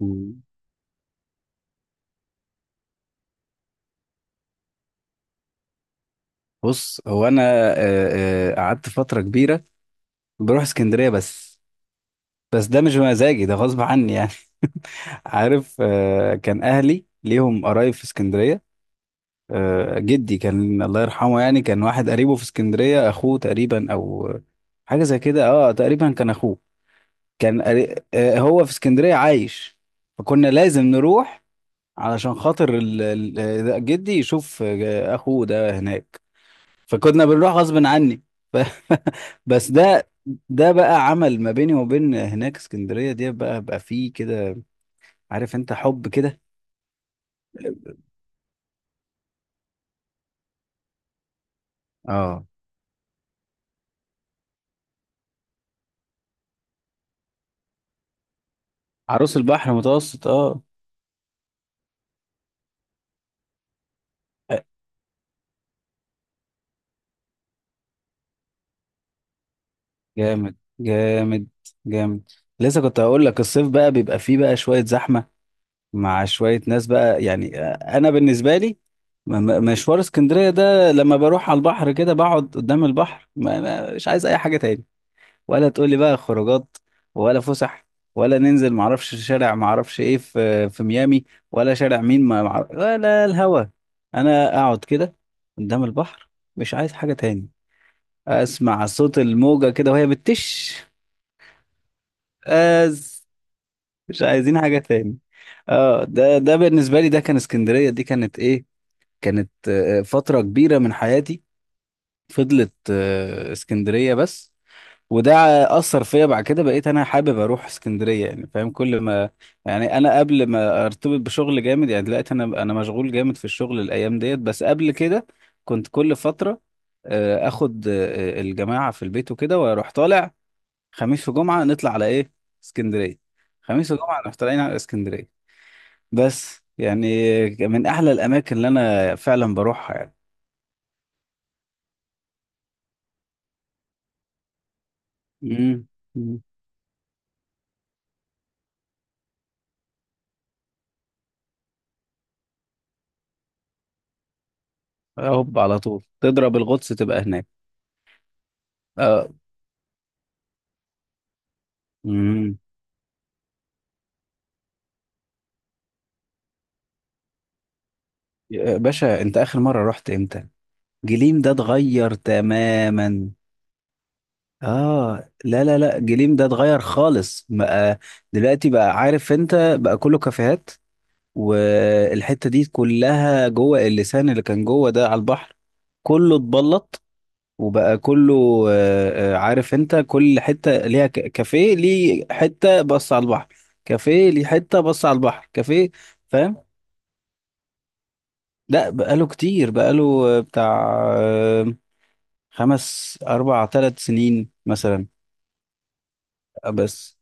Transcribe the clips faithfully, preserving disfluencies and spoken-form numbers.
مم. بص، هو انا، آه، آه، قعدت فتره كبيره. بروح اسكندريه بس بس ده مش مزاجي، ده غصب عني يعني. عارف، آه، كان اهلي ليهم قرايب في اسكندريه. آه، جدي كان الله يرحمه، يعني كان واحد قريبه في اسكندريه، اخوه تقريبا او حاجه زي كده. اه تقريبا كان اخوه. كان قري- آه، هو في اسكندريه عايش. فكنا لازم نروح علشان خاطر ال- ال- آه، جدي يشوف آه، اخوه ده هناك. فكنا بنروح غصب عني. ف... بس ده ده بقى عمل ما بيني وبين هناك. اسكندرية دي بقى بقى فيه كده، عارف انت، حب كده. اه، عروس البحر متوسط، اه. جامد جامد جامد. لسه كنت هقول لك، الصيف بقى بيبقى فيه بقى شوية زحمة، مع شوية ناس بقى يعني. آه، انا بالنسبة لي م- م- مشوار اسكندرية ده، لما بروح على البحر كده بقعد قدام البحر، ما- ما- مش عايز اي حاجة تاني. ولا تقول لي بقى خروجات، ولا فسح، ولا ننزل معرفش شارع معرفش ايه في في ميامي، ولا شارع مين ما معرف... ولا الهوا. انا اقعد كده قدام البحر، مش عايز حاجة تاني. اسمع صوت الموجة كده وهي بتش أز. مش عايزين حاجة تاني. اه، ده ده بالنسبة لي، ده كان اسكندرية دي كانت ايه، كانت آه، فترة كبيرة من حياتي. فضلت آه، اسكندرية بس، وده اثر فيا. بعد كده بقيت انا حابب اروح اسكندريه يعني، فاهم، كل ما يعني انا قبل ما ارتبط بشغل جامد، يعني دلوقتي انا انا مشغول جامد في الشغل الايام ديت. بس قبل كده كنت كل فتره آه، اخد آه، الجماعه في البيت وكده واروح طالع. خميس وجمعه نطلع على ايه؟ اسكندريه. خميس وجمعه نروح طالعين على اسكندريه. بس يعني من احلى الاماكن اللي انا فعلا بروحها يعني. امم. هوب على طول تضرب الغطس تبقى هناك. اه. يا باشا، انت اخر مرة رحت امتى؟ جليم ده اتغير تماما. اه لا لا لا، جليم ده اتغير خالص بقى. دلوقتي بقى عارف انت بقى كله كافيهات، والحتة دي كلها جوه اللسان اللي كان جوه ده على البحر، كله اتبلط وبقى كله، آه، آه، عارف انت، كل حتة ليها ك- كافيه، ليه حتة بص على البحر كافيه، ليه حتة بص على البحر كافيه. فاهم. لا، بقاله كتير، بقاله بتاع آه، خمس اربع ثلاث سنين مثلا. بس.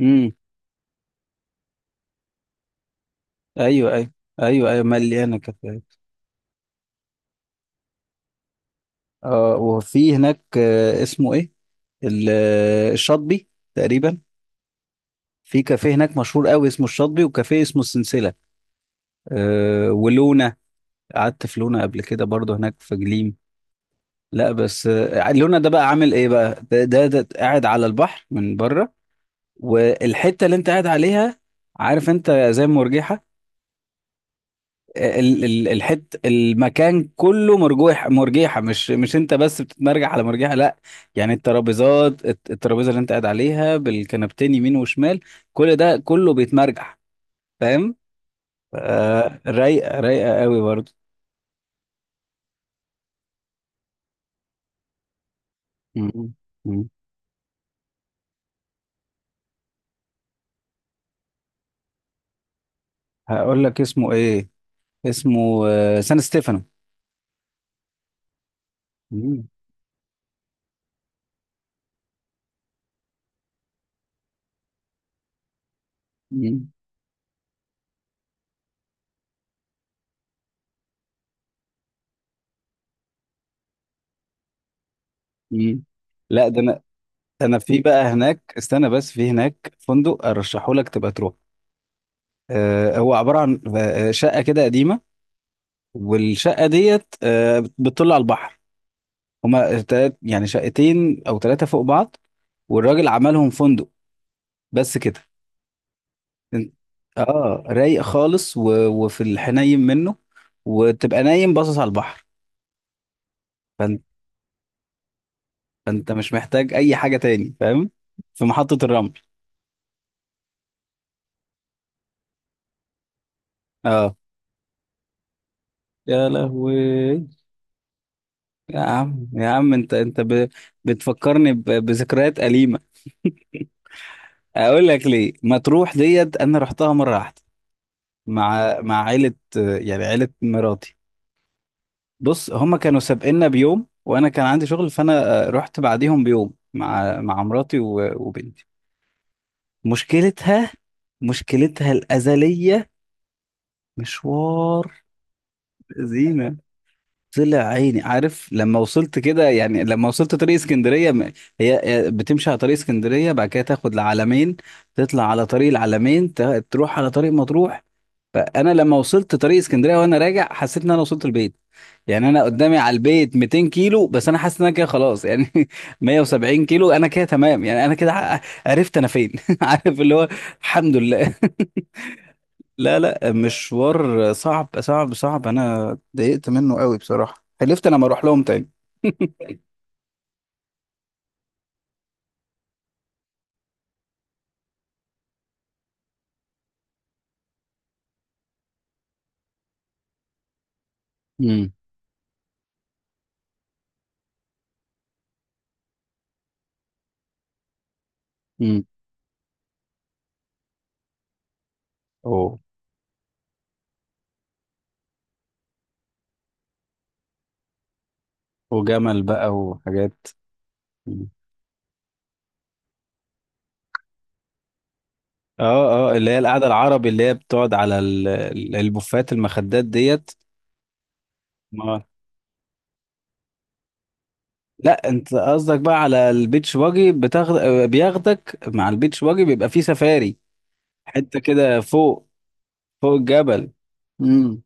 امم. ايوه ايوه. ايوه ايوه مليانه كافيهات. اه، وفي هناك آه، اسمه ايه، ال- آه، الشاطبي تقريبا. في كافيه هناك مشهور قوي اسمه الشاطبي، وكافيه اسمه السلسله. أه ولونا. قعدت في لونا قبل كده برضو هناك في جليم. لا بس آه، لونا ده بقى عامل ايه بقى، ده, ده, ده قاعد على البحر من بره. والحته اللي انت قاعد عليها، عارف انت، زي المرجحه. ال- ال- الحت المكان كله مرجوح مرجيحه، مش مش انت بس بتتمرجح على مرجيحه، لا، يعني الترابيزات، الت- الترابيزه اللي انت قاعد عليها بالكنبتين يمين وشمال، كل ده كله بيتمرجح. فاهم. آه، رايقه رايقه قوي برضه. مم. مم. هقول لك اسمه ايه. اسمه آه، سان ستيفانو. مم. مم. مم. لا ده انا ده انا في بقى هناك، استنى، بس في هناك فندق ارشحه لك تبقى تروح. آه، هو عباره عن آه، شقه كده قديمه، والشقة ديت آه، بت- بتطل على البحر. هما تلات يعني شقتين او ثلاثة فوق بعض، والراجل عملهم فندق. بس كده. إن- اه رايق خالص، و... وفي الحنين منه، وتبقى نايم باصص على البحر. فانت... فانت مش محتاج اي حاجة تاني، فاهم، في محطة الرمل. اه. يا لهوي. يا عم يا عم، انت انت ب... بتفكرني ب... بذكريات أليمة. اقول لك ليه. مطروح ديت انا رحتها مرة واحدة مع مع عيلة، آه، يعني عيلة مراتي. بص هما كانوا سابقنا بيوم، وانا كان عندي شغل، فانا آه، رحت بعديهم بيوم مع مع مراتي و- وبنتي. مشكلتها مشكلتها الأزلية، مشوار. زينة. طلع عيني. عارف لما وصلت كده، يعني لما وصلت طريق اسكندريه، م- هي هي بتمشي على طريق اسكندريه، بعد كده تاخد العلمين، تطلع على طريق العلمين، ت- تروح على طريق مطروح. فانا لما وصلت طريق اسكندريه وانا راجع، حسيت ان انا وصلت البيت. يعني انا قدامي على البيت ميتين كيلو بس انا حاسس ان انا كده خلاص يعني. مية وسبعين كيلو انا كده تمام يعني، انا كده ع- عرفت انا فين. عارف اللي هو الحمد لله. لا لا، مشوار صعب صعب صعب. انا اتضايقت منه قوي بصراحة، حلفت انا ما اروح لهم تاني. امم. امم. اوه. وجمل بقى وحاجات. مم. اه اه، اللي هي القعدة العربي اللي هي بتقعد على ال- ال- البوفات المخدات ديت. ما لا، انت قصدك بقى على البيتش باجي بتاخد، آه، بياخدك مع البيتش باجي بيبقى فيه سفاري، حتة كده فوق فوق الجبل. امم.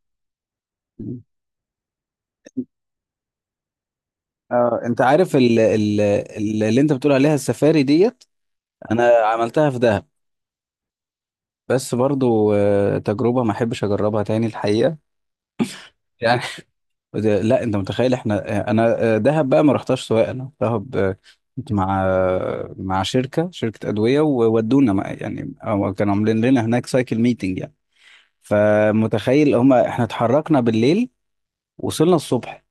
اه، انت عارف ال ال ال- اللي انت بتقول عليها السفاري ديت، انا عملتها في دهب. بس برضو آه، تجربه ما احبش اجربها تاني الحقيقه يعني. ده- لا انت متخيل، احنا انا آه، دهب بقى ما رحتهاش سواء. انا دهب آه، كنت مع آه، مع شركه شركه ادويه وودونا مع- يعني، أو كانوا عاملين لنا هناك سايكل ميتنج يعني. فمتخيل هما احنا اتحركنا بالليل، وصلنا الصبح.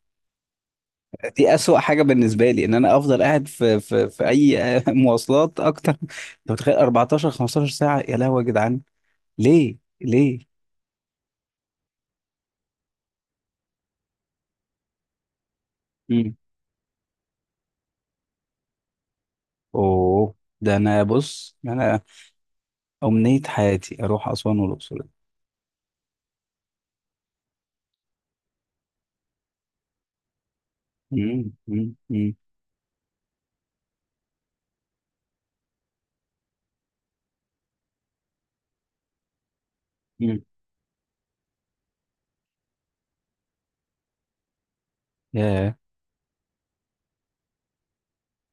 دي أسوأ حاجة بالنسبة لي إن أنا أفضل قاعد في في في أي مواصلات أكتر. أنت متخيل اربعتاشر خمستاشر ساعة؟ يا لهوي يا جدعان. ليه ليه؟ اوه. ده انا بص انا امنية حياتي اروح اسوان والاقصر. مم، مم، مم. مم. ياه.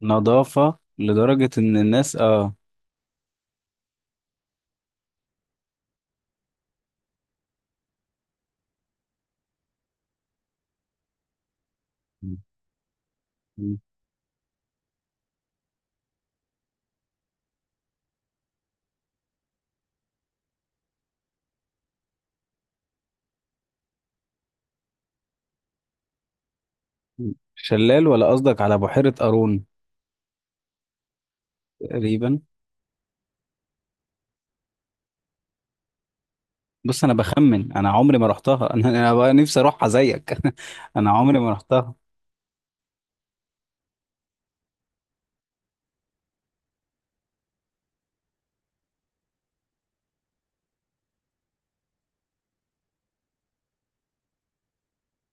نظافة لدرجة ان الناس اه. مم، مم. مم. شلال ولا قصدك على بحيرة قارون؟ تقريبا. بص انا بخمن انا عمري ما رحتها. انا انا بقى نفسي اروحها زيك. انا عمري ما رحتها.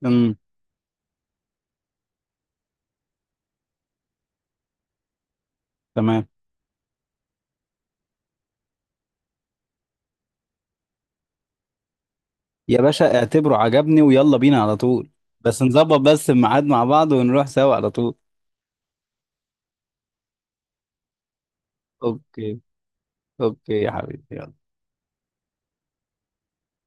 امم. تمام. يا باشا اعتبره عجبني ويلا بينا على طول. بس نظبط بس الميعاد مع بعض ونروح سوا على طول. اوكي. اوكي يا حبيبي يلا.